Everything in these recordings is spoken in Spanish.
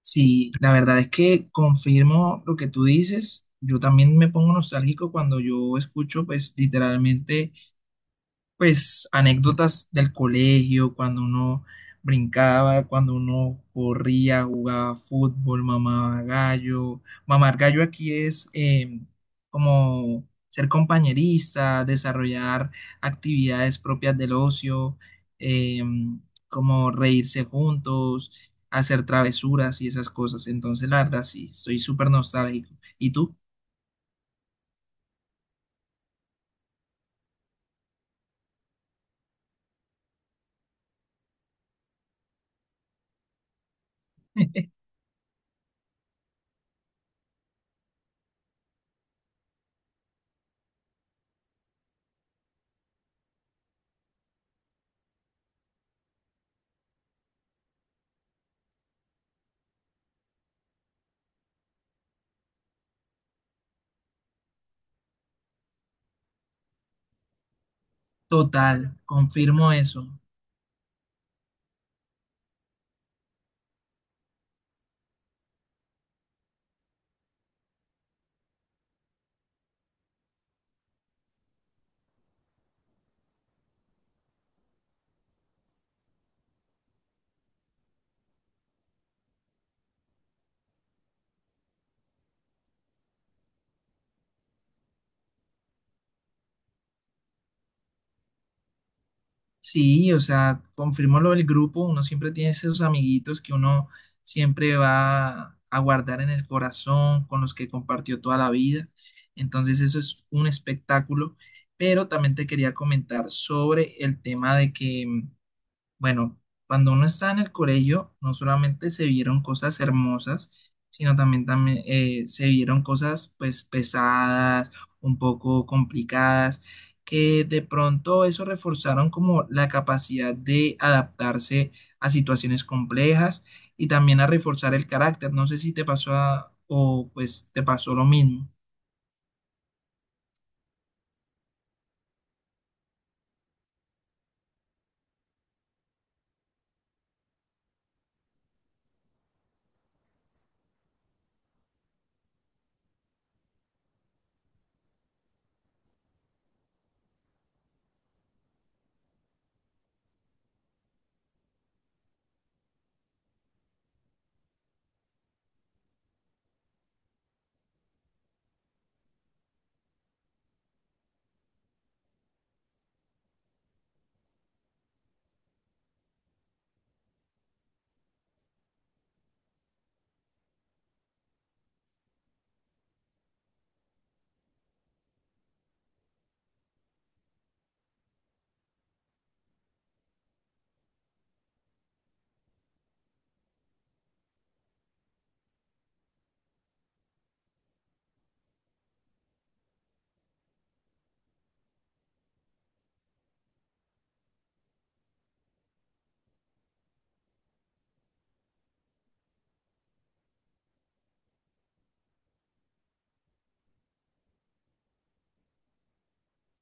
Sí, la verdad es que confirmo lo que tú dices. Yo también me pongo nostálgico cuando yo escucho, pues, literalmente pues anécdotas del colegio, cuando uno brincaba, cuando uno corría, jugaba fútbol, mamaba gallo. Mamar gallo aquí es como ser compañerista, desarrollar actividades propias del ocio, eh, como reírse juntos, hacer travesuras y esas cosas. Entonces, la verdad, sí, soy súper nostálgico. ¿Y tú? Total, confirmo eso. Sí, o sea, confirmó lo del grupo, uno siempre tiene esos amiguitos que uno siempre va a guardar en el corazón, con los que compartió toda la vida. Entonces eso es un espectáculo, pero también te quería comentar sobre el tema de que bueno, cuando uno está en el colegio, no solamente se vieron cosas hermosas, sino también se vieron cosas pues pesadas, un poco complicadas, que de pronto eso reforzaron como la capacidad de adaptarse a situaciones complejas y también a reforzar el carácter. No sé si te pasó o te pasó lo mismo.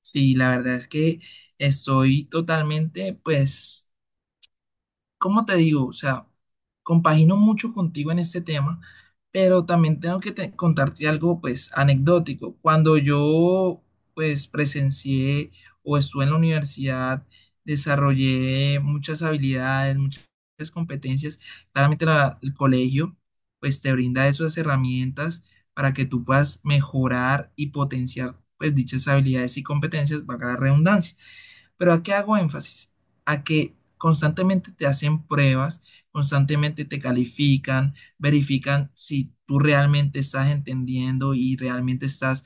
Sí, la verdad es que estoy totalmente pues ¿cómo te digo? O sea, compagino mucho contigo en este tema, pero también tengo que contarte algo, pues, anecdótico. Cuando yo, pues, presencié o estuve en la universidad, desarrollé muchas habilidades, muchas competencias. Claramente el colegio, pues, te brinda esas herramientas para que tú puedas mejorar y potenciar, pues, dichas habilidades y competencias, para la redundancia. Pero ¿a qué hago énfasis? A que constantemente te hacen pruebas, constantemente te califican, verifican si tú realmente estás entendiendo y realmente estás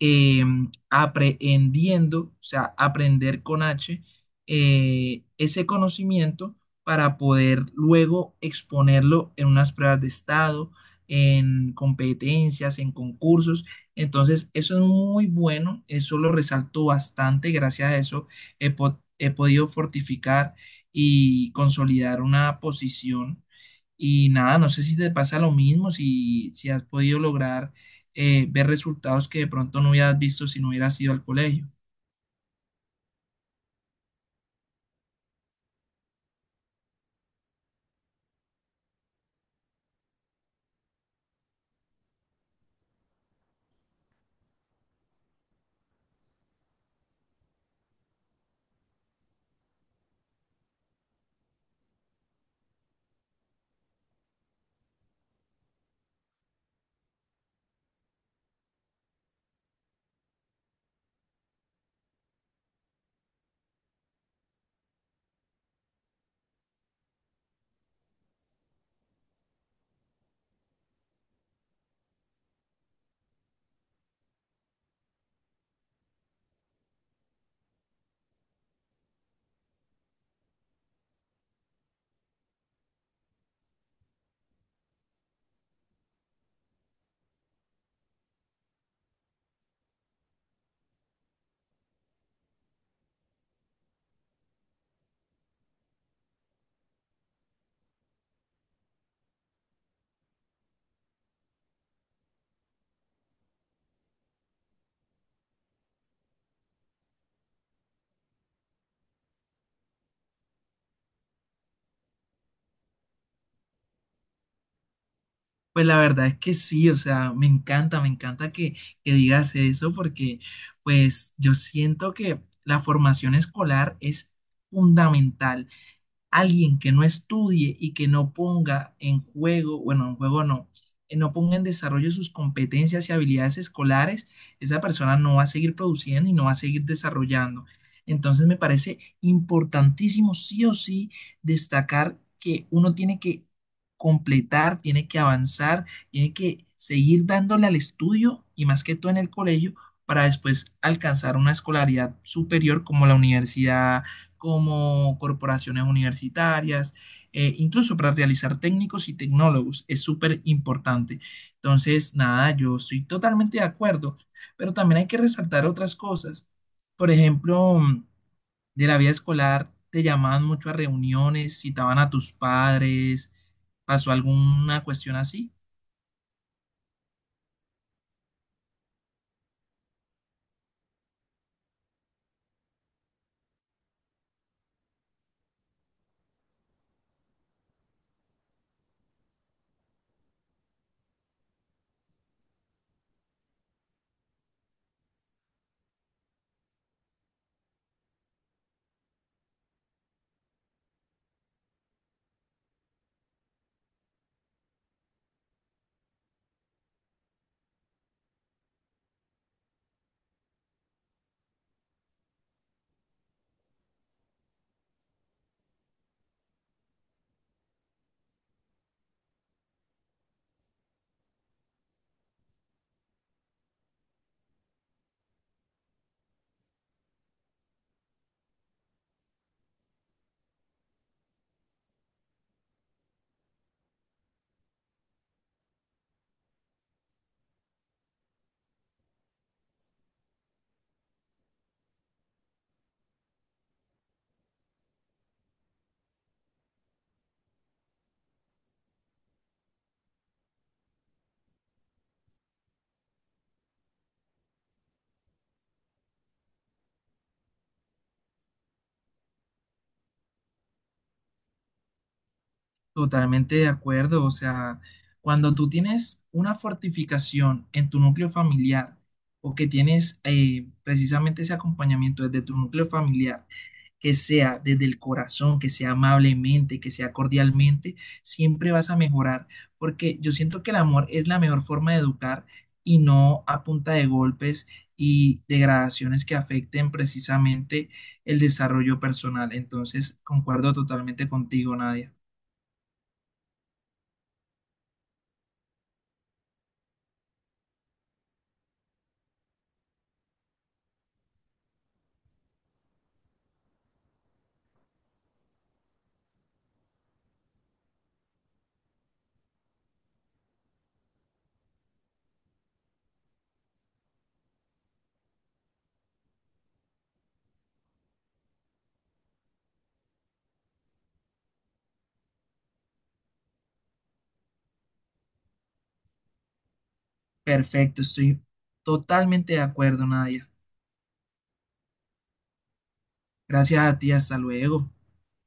eh, aprehendiendo, o sea, aprender con H, ese conocimiento para poder luego exponerlo en unas pruebas de estado, en competencias, en concursos. Entonces, eso es muy bueno, eso lo resalto bastante, gracias a eso he podido fortificar y consolidar una posición. Y nada, no sé si te pasa lo mismo, si has podido lograr ver resultados que de pronto no hubieras visto si no hubieras ido al colegio. Pues la verdad es que sí, o sea, me encanta, que digas eso porque pues yo siento que la formación escolar es fundamental alguien que no estudie y que no ponga en juego, bueno, en juego no, no ponga en desarrollo sus competencias y habilidades escolares, esa persona no va a seguir produciendo y no va a seguir desarrollando. Entonces me parece importantísimo, sí o sí, destacar que uno tiene que completar, tiene que avanzar, tiene que seguir dándole al estudio y más que todo en el colegio para después alcanzar una escolaridad superior como la universidad como corporaciones universitarias, incluso para realizar técnicos y tecnólogos, es súper importante. Entonces, nada, yo estoy totalmente de acuerdo, pero también hay que resaltar otras cosas. Por ejemplo, de la vida escolar, te llamaban mucho a reuniones, citaban a tus padres, ¿pasó alguna cuestión así? Totalmente de acuerdo, o sea, cuando tú tienes una fortificación en tu núcleo familiar o que tienes precisamente ese acompañamiento desde tu núcleo familiar, que sea desde el corazón, que sea amablemente, que sea cordialmente, siempre vas a mejorar, porque yo siento que el amor es la mejor forma de educar y no a punta de golpes y degradaciones que afecten precisamente el desarrollo personal. Entonces, concuerdo totalmente contigo, Nadia. Perfecto, estoy totalmente de acuerdo, Nadia. Gracias a ti, hasta luego.